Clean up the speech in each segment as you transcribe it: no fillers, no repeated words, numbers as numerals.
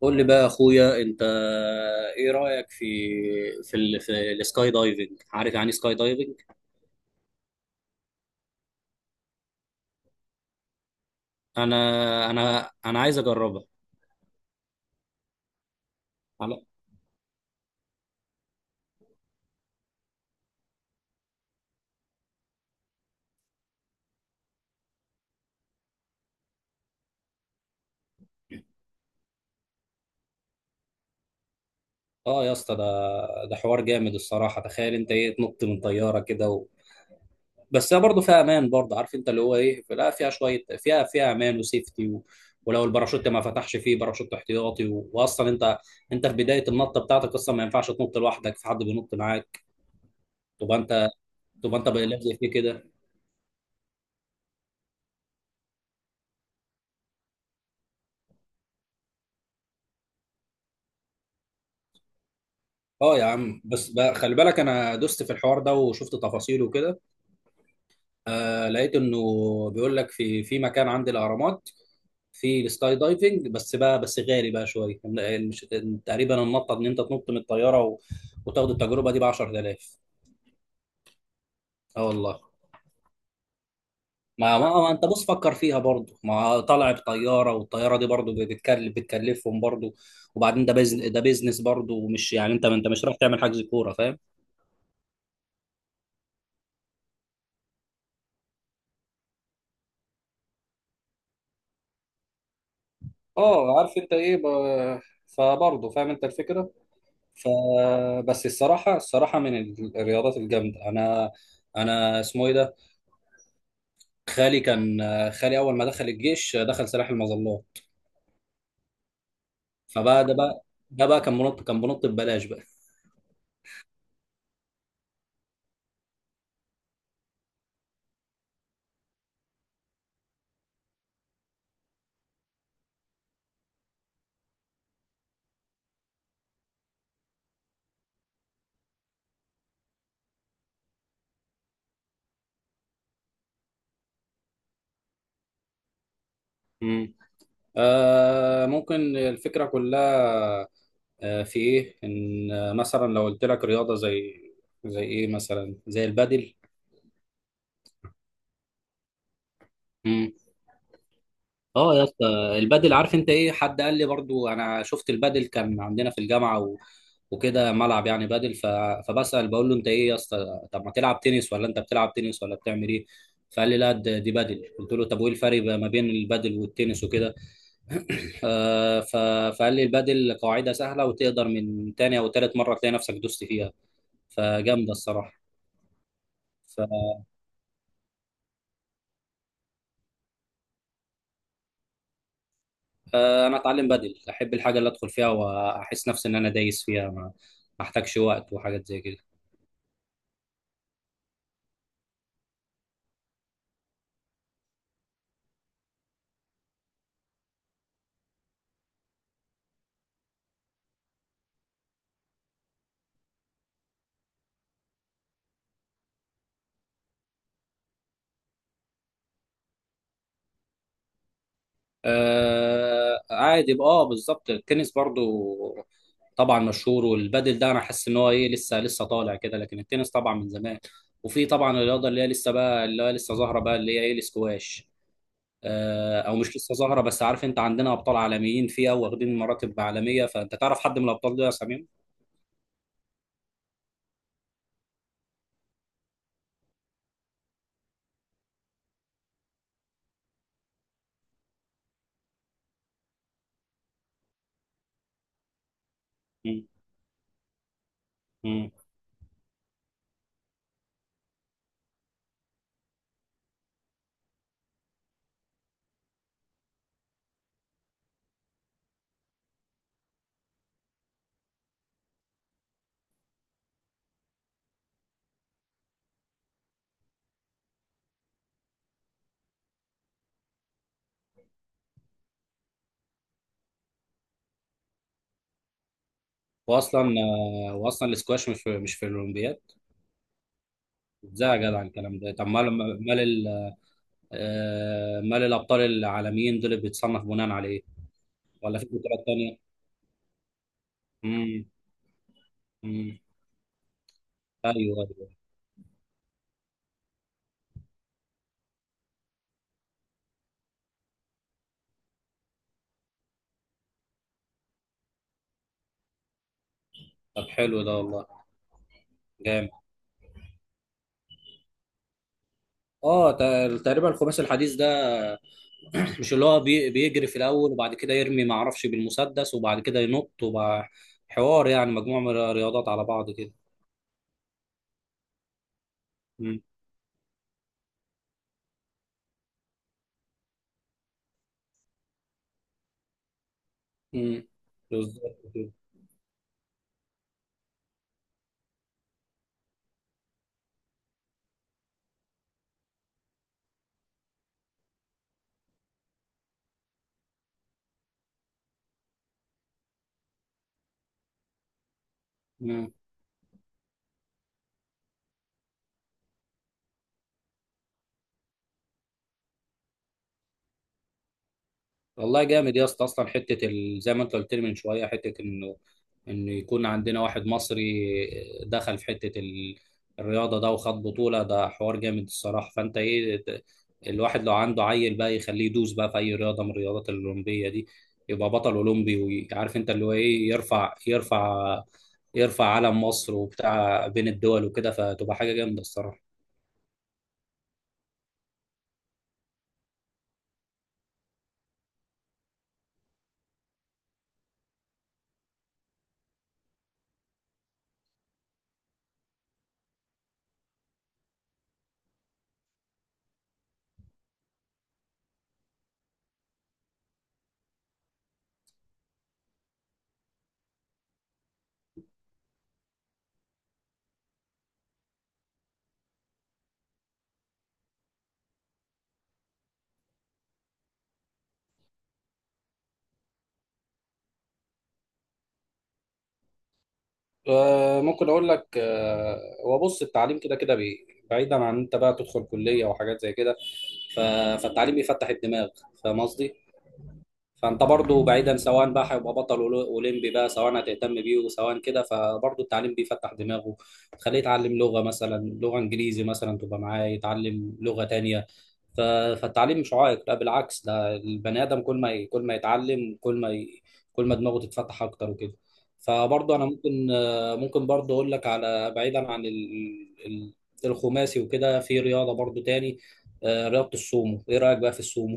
قول لي بقى يا اخويا انت، ايه رايك في السكاي دايفنج. عارف يعني سكاي دايفنج. انا انا عايز اجربها. على... اه يا اسطى، ده حوار جامد الصراحه. تخيل انت ايه؟ تنط من طياره كده بس هي برضه فيها امان. برضه عارف انت اللي هو ايه، لا فيها شويه، فيها امان وسيفتي ولو الباراشوت ما فتحش فيه باراشوت احتياطي واصلا انت في بدايه النطه بتاعتك اصلا ما ينفعش تنط لوحدك، في حد بينط معاك، تبقى انت تبقى انت لازق فيه كده. اه يا عم بس بقى خلي بالك، انا دوست في الحوار ده وشفت تفاصيله وكده. آه، لقيت انه بيقول لك في مكان عند الاهرامات في السكاي دايفنج. بس بقى بس غالي بقى شويه. تقريبا النطه ان انت تنط من الطياره وتاخد التجربه دي ب 10,000. اه والله. ما انت بص فكر فيها برضه، ما طالع بطياره، والطياره دي برضه بتكلفهم برضه. وبعدين ده بيزنس برضه، ومش يعني ما انت مش رايح تعمل حجز كوره، فاهم؟ اه عارف انت ايه، فبرضه فاهم انت الفكره. فبس الصراحة، من الرياضات الجامدة أنا اسمه إيه ده؟ خالي كان خالي أول ما دخل الجيش دخل سلاح المظلات. فبقى ده بقى، كان منط ببلاش بقى. مم. آه، ممكن الفكرة كلها. آه، في إيه؟ إن مثلا لو قلت لك رياضة زي إيه مثلا؟ زي البادل. اه يا اسطى، البادل عارف انت ايه، حد قال لي برضو، انا شفت البادل كان عندنا في الجامعه وكده ملعب يعني بادل، فبسأل بقول له انت ايه يا اسطى، طب ما تلعب تنس، ولا انت بتلعب تنس ولا بتعمل ايه؟ فقال لي لا، دي بادل. قلت له طب، وايه الفرق بقى ما بين البادل والتنس وكده. آه، ف... فقال لي البادل قواعدها سهله، وتقدر من تاني او تالت مره تلاقي نفسك دوست فيها، فجامده الصراحه. ف... آه، انا اتعلم بدل، احب الحاجه اللي ادخل فيها واحس نفسي ان انا دايس فيها، ما احتاجش وقت وحاجات زي كده. آه، عادي بقى. اه بالظبط، التنس برضو طبعا مشهور. والبادل ده انا حاسس ان هو ايه، لسه طالع كده. لكن التنس طبعا من زمان. وفي طبعا الرياضه اللي هي لسه بقى، اللي هي لسه ظاهره بقى، اللي هي ايه، الاسكواش. آه، او مش لسه ظاهره، بس عارف انت عندنا ابطال عالميين فيها واخدين مراتب عالميه، فانت تعرف حد من الابطال دول يا سمير؟ مم. مم. واصلا واصلا الاسكواش مش في الاولمبياد. ازاي يا جدع الكلام ده؟ طب مال مال ال- آه، مال الابطال العالميين دول بيتصنف بناء عليه، ولا في بطولات تانية؟ امم، امم، ايوه، ايوه. طب حلو ده والله. جامد. اه، تقريبا الخماس الحديث ده، مش اللي هو بيجري في الاول، وبعد كده يرمي ما اعرفش بالمسدس، وبعد كده ينط، وبقى حوار يعني مجموعة من الرياضات على بعض كده. امم، امم، بالظبط كده والله. جامد يا اسطى، اصلا حته ال...، زي ما انت قلت لي من شويه، حته انه، يكون عندنا واحد مصري دخل في حته ال... الرياضه ده وخد بطوله، ده حوار جامد الصراحه. فانت ايه الواحد لو عنده عيل بقى يخليه يدوس بقى في اي رياضه من الرياضات الاولمبيه دي، يبقى بطل اولمبي. وعارف انت اللي هو ايه، يرفع علم مصر وبتاع بين الدول وكده، فتبقى حاجه جامده الصراحه. آه، ممكن اقول لك، آه، هو بص التعليم كده كده، بعيدا عن انت بقى تدخل كليه وحاجات زي كده. ف- فالتعليم بيفتح الدماغ، فاهم قصدي؟ فانت برضو بعيدا، سواء بقى هيبقى بطل اولمبي بقى، سواء هتهتم بيه وسواء كده، فبرضو التعليم بيفتح دماغه. تخليه يتعلم لغة مثلا، لغة انجليزي مثلا، تبقى معاه، يتعلم لغة تانية. ف... فالتعليم مش عائق، لا بالعكس، ده البني ادم كل ما يتعلم، كل ما دماغه تتفتح اكتر وكده. فبرضو انا ممكن، برضو اقول لك على بعيدا عن ال... الخماسي وكده، في رياضة برضو تاني. آه، رياضة السومو، ايه رأيك بقى في السومو؟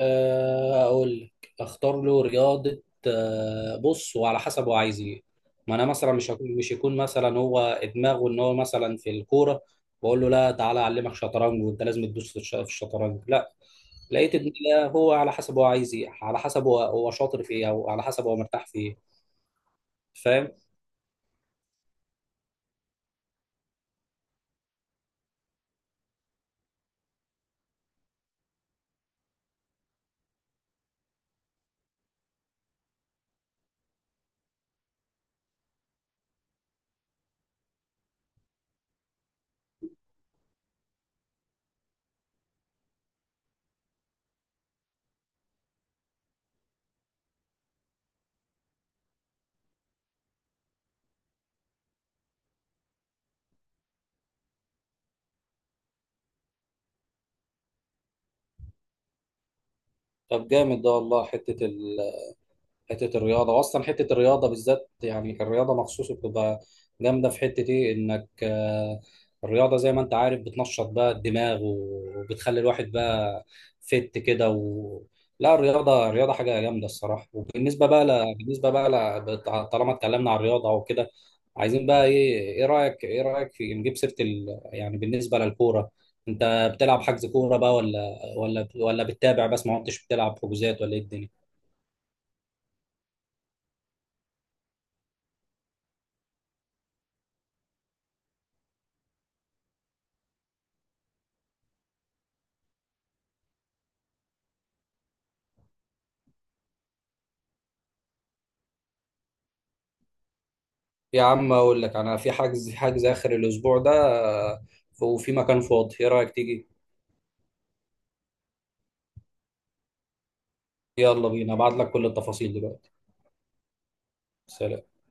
آه، اقول لك اختار له رياضه. آه، بص وعلى حسب هو عايز ايه. ما انا مثلا مش يكون مثلا هو دماغه ان هو مثلا في الكوره، بقول له لا، تعالى اعلمك شطرنج، وانت لازم تدوس في في الشطرنج، لا. لقيت ان لا، هو على حسب هو عايز ايه، على حسب هو شاطر في ايه، او على حسب هو مرتاح في ايه. فاهم؟ طب جامد ده والله. حتة الرياضة، وأصلا حتة الرياضة بالذات، يعني الرياضة مخصوص بتبقى جامدة في حتة إيه إنك، الرياضة زي ما أنت عارف بتنشط بقى الدماغ، وبتخلي الواحد بقى فت كده لا، الرياضة حاجة جامدة الصراحة. وبالنسبة بقى ل...، بالنسبة بقى ل...، طالما اتكلمنا عن الرياضة وكده، عايزين بقى إيه، إيه رأيك في نجيب سيرة ال...، يعني بالنسبة للكورة، أنت بتلعب حجز كورة بقى، ولا بتتابع بس، ما كنتش بتلعب حجوزات، ولا إيه الدنيا؟ يا عم اقول لك، انا في حجز، اخر الاسبوع ده، آه، وفي مكان فاضي، ايه رايك تيجي؟ يلا بينا، ابعت لك كل التفاصيل دلوقتي. سلام.